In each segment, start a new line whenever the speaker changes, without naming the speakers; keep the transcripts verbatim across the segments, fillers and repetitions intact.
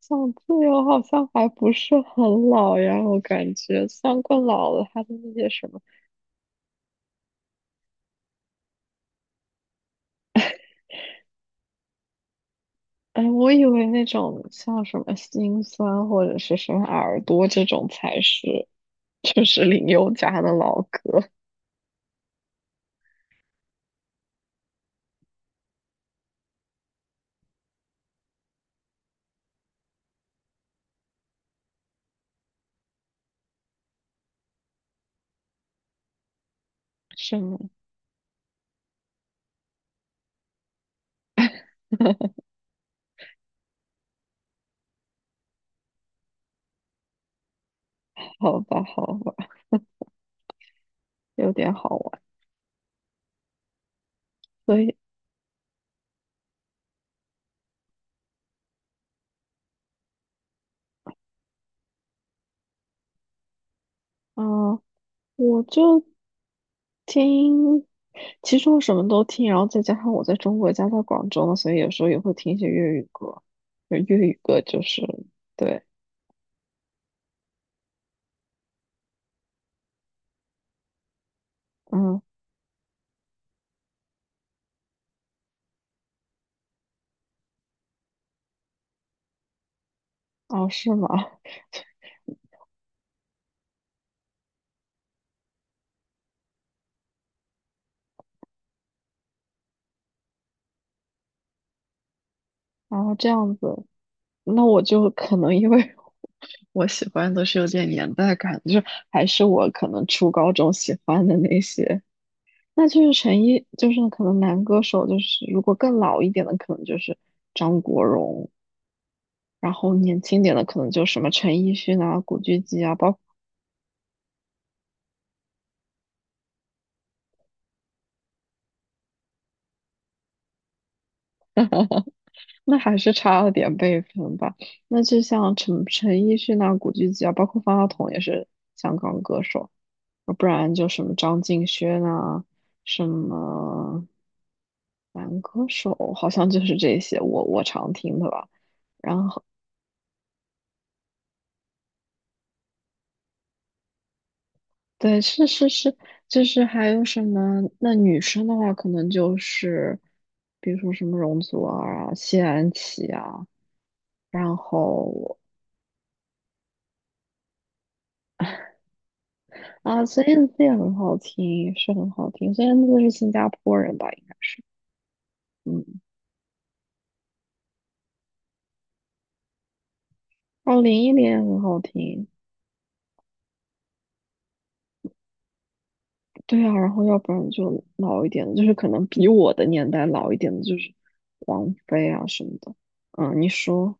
想自由好像还不是很老呀，我感觉像然老了，他的那些什么。哎，我以为那种像什么心酸或者是什么耳朵这种才是，就是林宥嘉的老歌，是吗？好吧，好吧，有点好玩。所以，啊，我就听，其实我什么都听，然后再加上我在中国家在广州嘛，所以有时候也会听一些粤语歌，就粤语歌就是对。嗯，哦，是吗？然后这样子，那我就可能因为 我喜欢都是有点年代感，就是还是我可能初高中喜欢的那些，那就是陈奕，就是可能男歌手，就是如果更老一点的，可能就是张国荣，然后年轻点的可能就什么陈奕迅啊、古巨基啊，包括那还是差了点辈分吧。那就像陈陈奕迅啊、古巨基啊，包括方大同也是香港歌手。不然就什么张敬轩啊，什么男歌手，好像就是这些我我常听的吧。然后对，是是是，就是还有什么？那女生的话，可能就是比如说什么容祖儿啊、谢安琪啊，然后啊孙燕姿也很好听，是很好听。孙燕姿是新加坡人吧？嗯，哦，林忆莲也很好听。对啊，然后要不然就老一点的就是可能比我的年代老一点的，就是王菲啊什么的。嗯，你说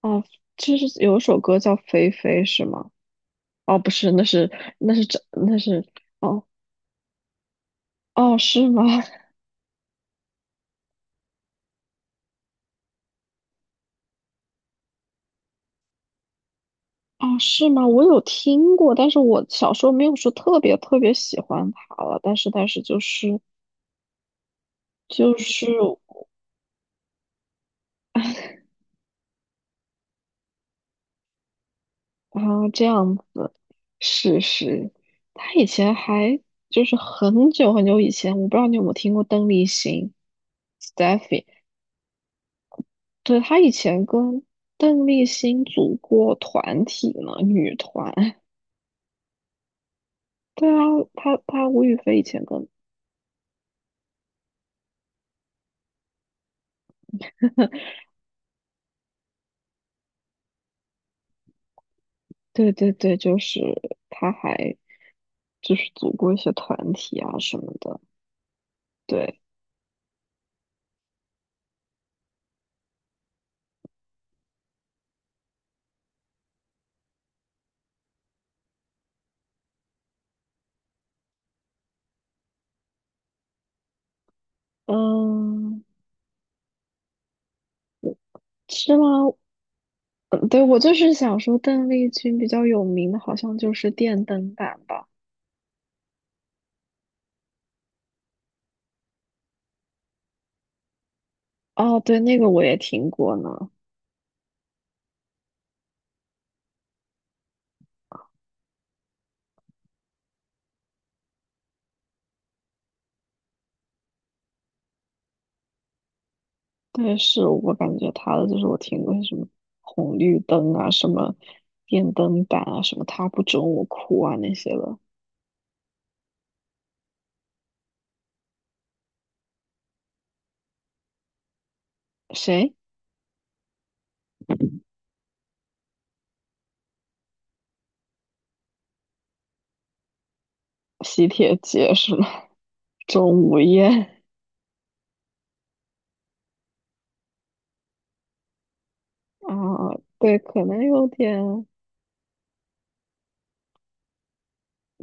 哦，就是有一首歌叫《菲菲》是吗？哦，不是，那是那是这那是哦，哦是吗？哦是吗？我有听过，但是我小时候没有说特别特别喜欢她了，但是但是就是就是。啊，这样子，是是，他以前还就是很久很久以前，我不知道你有没有听过邓丽欣，Steffi，对，他以前跟邓丽欣组过团体呢，女团。对啊，他他吴雨霏以前跟，对对对，就是他还就是组过一些团体啊什么的。对，嗯，是吗？嗯，对，我就是想说，邓丽君比较有名的，好像就是《电灯胆》吧。哦，对，那个我也听过呢。但是我感觉她的，就是我听过什么红绿灯啊，什么电灯胆啊，什么他不准我哭啊那些的。谁？喜帖街是吗？钟无艳啊，对，可能有点，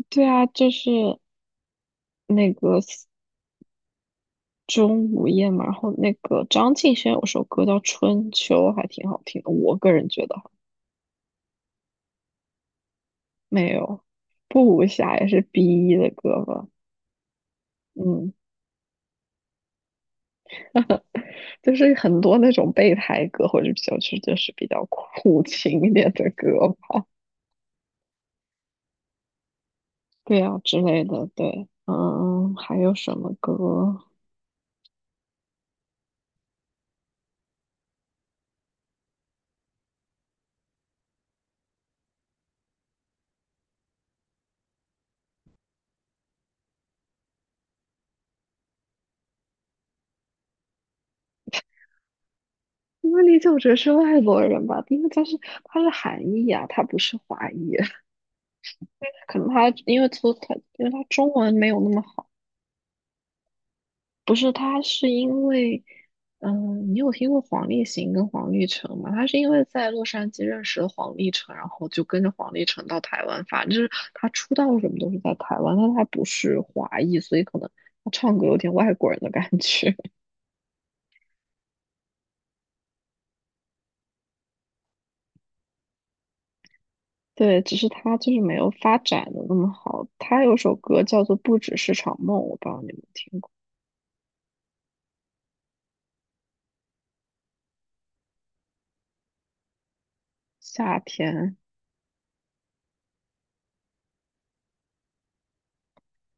对啊，就是那个钟无艳嘛，然后那个张敬轩有首歌叫《春秋》，还挺好听的，我个人觉得哈没有，不无暇也是 B.E 的歌吧，嗯，就是很多那种备胎歌，或者比较是就是比较苦情一点的歌吧，对啊之类的，对，嗯，还有什么歌？因为李玖哲是外国人吧，因为他是他是韩裔啊，他不是华裔，可能他因为他他因为他中文没有那么好。不是，他是因为，嗯，你有听过黄立行跟黄立成吗？他是因为在洛杉矶认识了黄立成，然后就跟着黄立成到台湾发展，就是他出道什么都是在台湾，但他不是华裔，所以可能他唱歌有点外国人的感觉。对，只是他就是没有发展的那么好。他有首歌叫做《不只是场梦》，我不知道你们听过，夏天。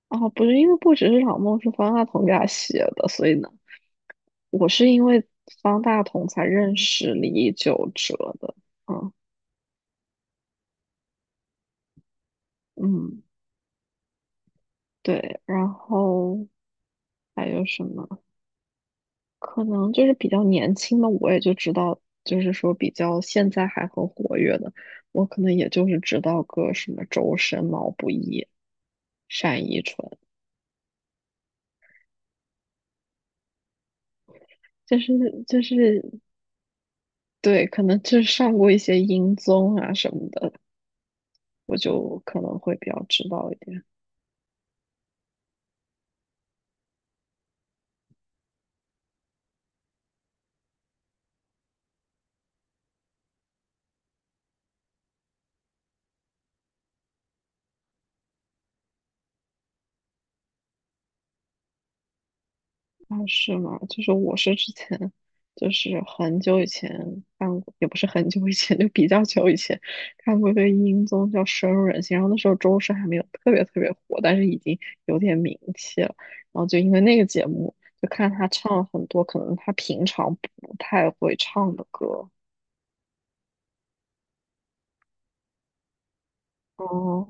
哦，不是，因为《不只是场梦》是方大同给他写的，所以呢。我是因为方大同才认识李玖哲的，嗯，嗯，对，然后还有什么？可能就是比较年轻的，我也就知道，就是说比较现在还很活跃的，我可能也就是知道个什么周深、毛不易、单依纯，就是就是对，可能就是上过一些音综啊什么的，我就可能会比较知道一点。啊，是吗？就是我是之前，就是很久以前看过，也不是很久以前，就比较久以前看过一个音综叫《深入人心》，然后那时候周深还没有特别特别火，但是已经有点名气了。然后就因为那个节目，就看他唱了很多可能他平常不太会唱的歌。哦，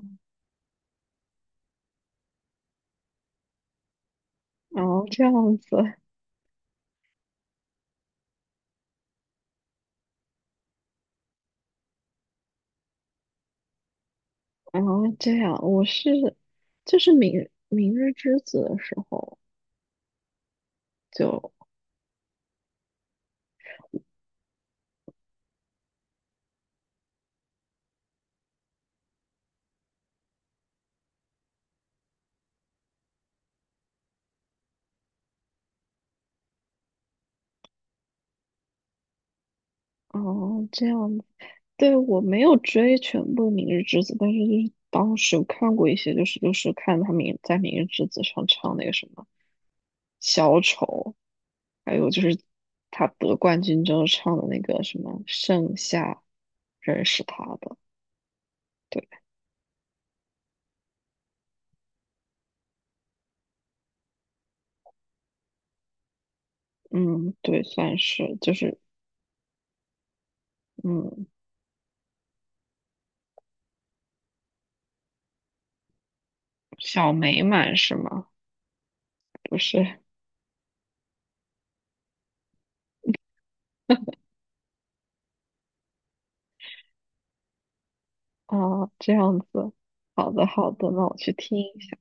然后这样子，然后这样，我是就是明《明日之子》的时候就，哦，这样对，我没有追全部《明日之子》，但是就是当时有看过一些，就是就是看他明在《明日之子》上唱那个什么小丑，还有就是他得冠军之后唱的那个什么盛夏，认识他的。对，嗯，对，算是就是嗯小美满是吗？不是啊，这样子。好的，好的，那我去听一下。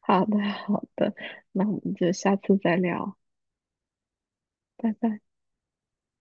好的，好的，那我们就下次再聊，拜拜。